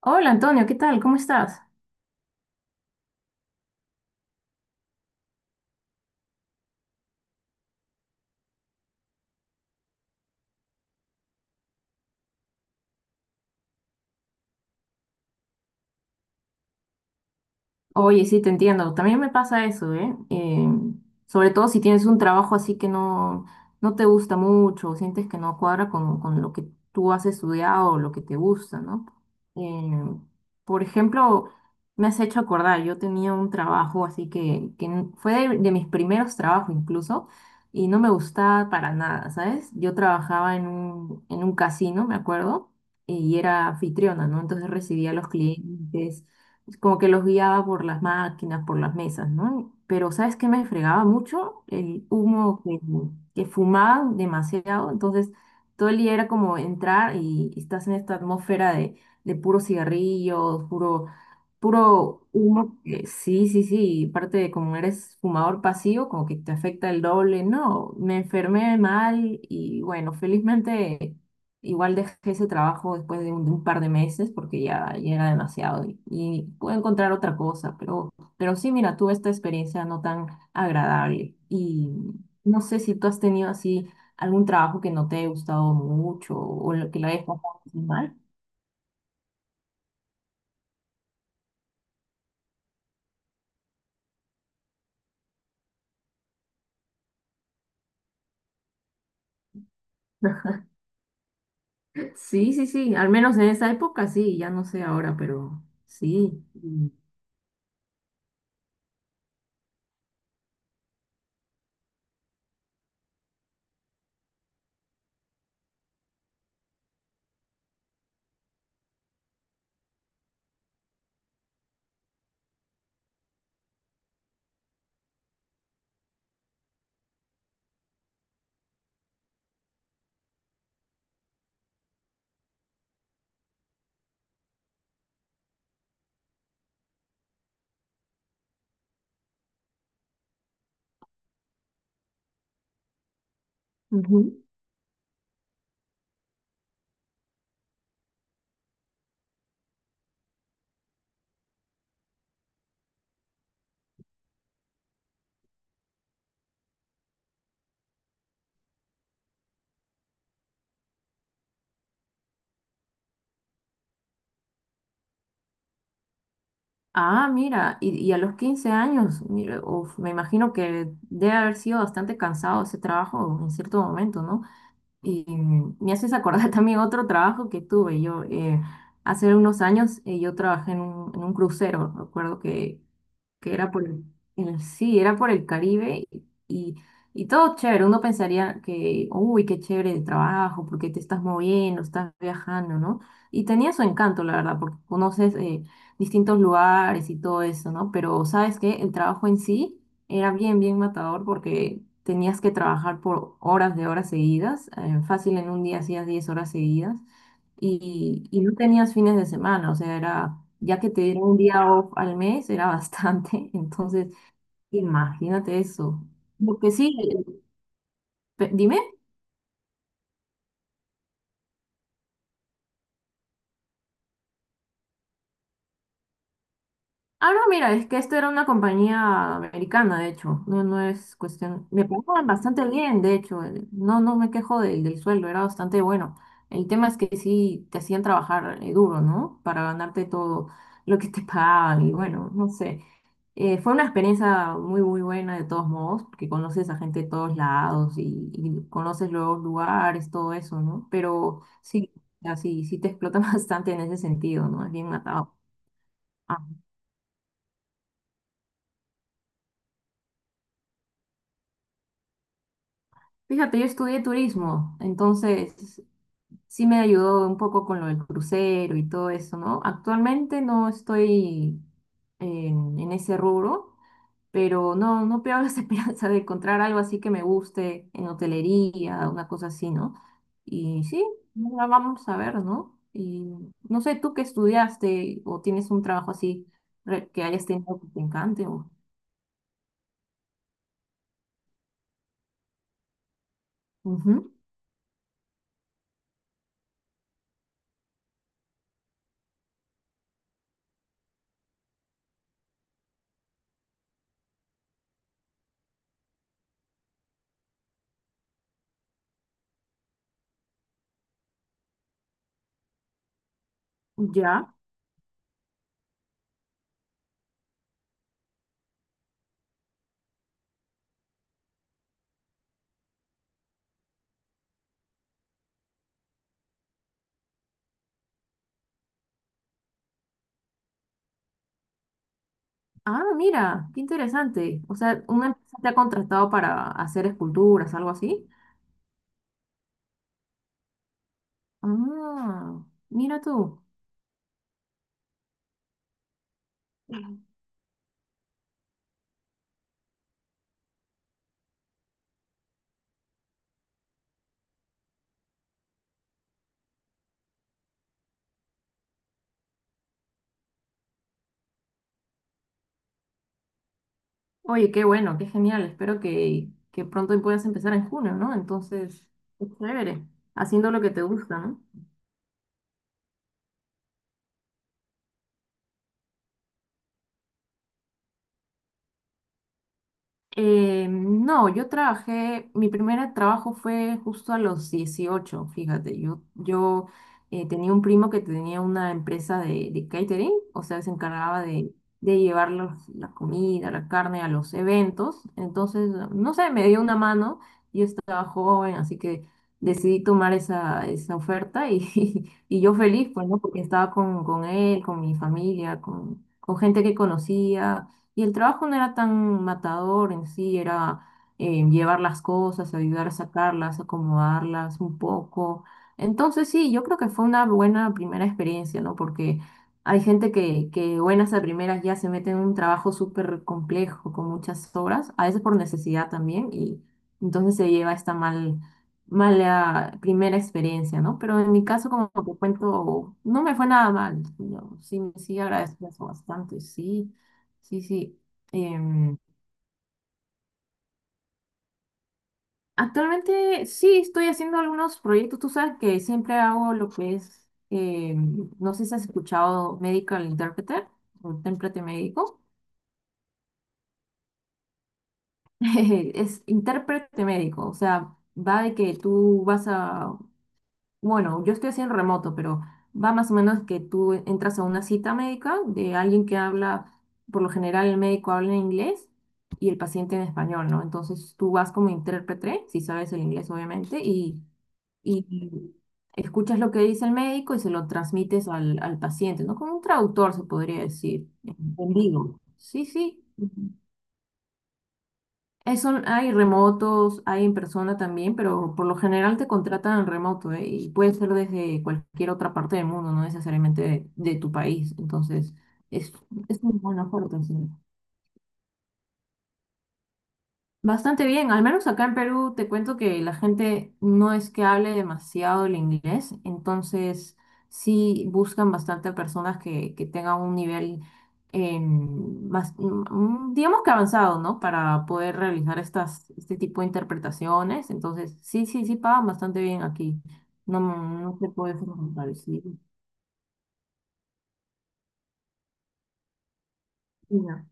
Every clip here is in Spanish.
Hola Antonio, ¿qué tal? ¿Cómo estás? Oye, sí, te entiendo. También me pasa eso, ¿eh? Sobre todo si tienes un trabajo así que no te gusta mucho, o sientes que no cuadra con lo que tú has estudiado o lo que te gusta, ¿no? Eh, por ejemplo, me has hecho acordar, yo tenía un trabajo así fue de mis primeros trabajos incluso, y no me gustaba para nada, ¿sabes? Yo trabajaba en un casino, me acuerdo, y era anfitriona, ¿no? Entonces recibía a los clientes como que los guiaba por las máquinas, por las mesas, ¿no? Pero ¿sabes qué me fregaba mucho? El humo que fumaban demasiado, entonces todo el día era como entrar y estás en esta atmósfera de puro cigarrillo, puro humo. Que sí, sí, sí, y parte de como eres fumador pasivo, como que te afecta el doble, ¿no? Me enfermé mal y bueno, felizmente... Igual dejé ese trabajo después de de un par de meses porque ya era demasiado y pude encontrar otra cosa, pero sí, mira, tuve esta experiencia no tan agradable y no sé si tú has tenido así algún trabajo que no te haya gustado mucho o lo que la hayas pasado muy mal. Sí, sí, sí, al menos en esa época sí, ya no sé ahora, pero sí. Mm. Ujú. Ah, mira, y a los 15 años, mira, uf, me imagino que debe haber sido bastante cansado ese trabajo en cierto momento, ¿no? Y mm, me haces acordar también otro trabajo que tuve. Yo hace unos años yo trabajé en un crucero. Recuerdo que que era por el, sí, era por el Caribe y, y todo chévere. Uno pensaría que, uy, qué chévere el trabajo, porque te estás moviendo, estás viajando, ¿no? Y tenía su encanto, la verdad, porque conoces distintos lugares y todo eso, ¿no? Pero sabes que el trabajo en sí era bien matador porque tenías que trabajar por horas de horas seguidas. Fácil en un día hacías 10 horas seguidas y no tenías fines de semana, o sea, era, ya que te dieron un día off al mes, era bastante, entonces imagínate eso. Porque sí, dime. Ah, no, mira, es que esto era una compañía americana, de hecho, no es cuestión, me pagaban bastante bien, de hecho, no me quejo del sueldo, era bastante bueno. El tema es que sí te hacían trabajar duro, ¿no? Para ganarte todo lo que te pagaban y bueno, no sé. Fue una experiencia muy buena de todos modos, porque conoces a gente de todos lados y conoces los lugares, todo eso, ¿no? Pero sí, así, sí te explota bastante en ese sentido, ¿no? Es bien atado. Ah, fíjate, yo estudié turismo, entonces sí me ayudó un poco con lo del crucero y todo eso, ¿no? Actualmente no estoy en ese rubro, pero no, no pierdo las esperanzas de encontrar algo así que me guste en hotelería, una cosa así, ¿no? Y sí, la vamos a ver, ¿no? Y no sé, tú qué estudiaste o tienes un trabajo así re- que hayas tenido que te encante o... Ujú. Ya. Ah, mira, qué interesante. O sea, una empresa te ha contratado para hacer esculturas, algo así. Ah, mira tú. Oye, qué bueno, qué genial. Espero que pronto puedas empezar en junio, ¿no? Entonces, qué chévere. Haciendo lo que te gusta, ¿no? No, yo trabajé, mi primer trabajo fue justo a los 18. Fíjate, yo tenía un primo que tenía una empresa de catering, o sea, se encargaba de llevar la comida, la carne a los eventos, entonces, no sé, me dio una mano, yo estaba joven, así que decidí tomar esa oferta y, y yo feliz, pues, ¿no? Porque estaba con él, con mi familia, con gente que conocía y el trabajo no era tan matador en sí, era llevar las cosas, ayudar a sacarlas, acomodarlas un poco. Entonces sí, yo creo que fue una buena primera experiencia, ¿no? Porque hay gente que buenas a primeras ya se mete en un trabajo súper complejo, con muchas horas, a veces por necesidad también, y entonces se lleva mala primera experiencia, ¿no? Pero en mi caso, como te cuento, no me fue nada mal. Yo sí, sí agradezco eso bastante, sí. Sí, sí. Em, actualmente sí estoy haciendo algunos proyectos. Tú sabes que siempre hago lo que es, no sé si has escuchado Medical Interpreter o intérprete médico. Es intérprete médico, o sea, va de que tú vas a... Bueno, yo estoy haciendo remoto, pero va más o menos que tú entras a una cita médica de alguien que habla, por lo general el médico habla en inglés y el paciente en español, ¿no? Entonces tú vas como intérprete, si sabes el inglés obviamente, y escuchas lo que dice el médico y se lo transmites al paciente, ¿no? Como un traductor se podría decir, en vivo. Sí, sí. Hay remotos, hay en persona también, pero por lo general te contratan remoto, ¿eh? Y puede ser desde cualquier otra parte del mundo, no necesariamente de tu país. Entonces, es, es una buena oferta, sí. Bastante bien, al menos acá en Perú te cuento que la gente no es que hable demasiado el inglés, entonces sí buscan bastante personas que tengan un nivel digamos que avanzado, ¿no? Para poder realizar este tipo de interpretaciones, entonces sí, sí, sí pagan bastante bien aquí, no, no se puede preguntar, sí. Y no.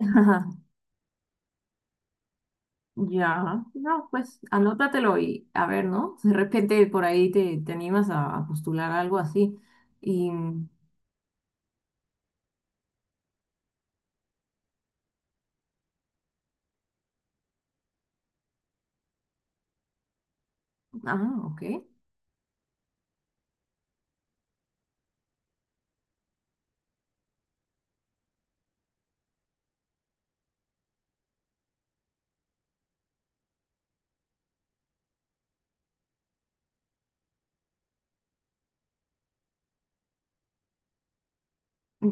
Ya, no, pues anótatelo y a ver, ¿no? De repente por ahí te animas a postular algo así. Y, ah, ok,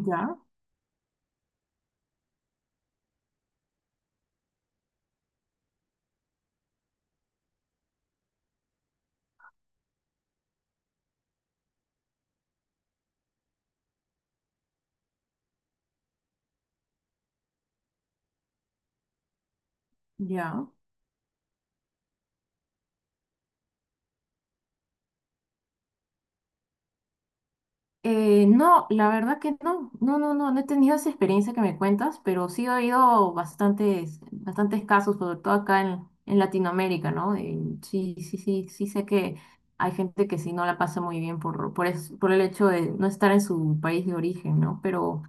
ya, ya. No, la verdad que no, no, no, no, no he tenido esa experiencia que me cuentas, pero sí he oído bastantes, bastantes casos, sobre todo acá en Latinoamérica, ¿no? Sí, sí, sí, sí sé que hay gente que sí no la pasa muy bien por el hecho de no estar en su país de origen, ¿no? Pero...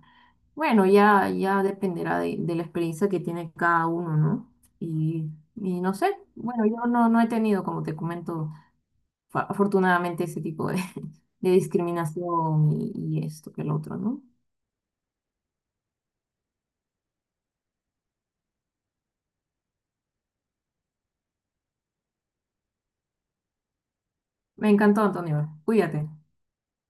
Bueno, ya, ya dependerá de la experiencia que tiene cada uno, ¿no? Y, y no sé, bueno, yo no, no he tenido, como te comento, afortunadamente ese tipo de discriminación y esto que el otro, ¿no? Me encantó, Antonio. Cuídate.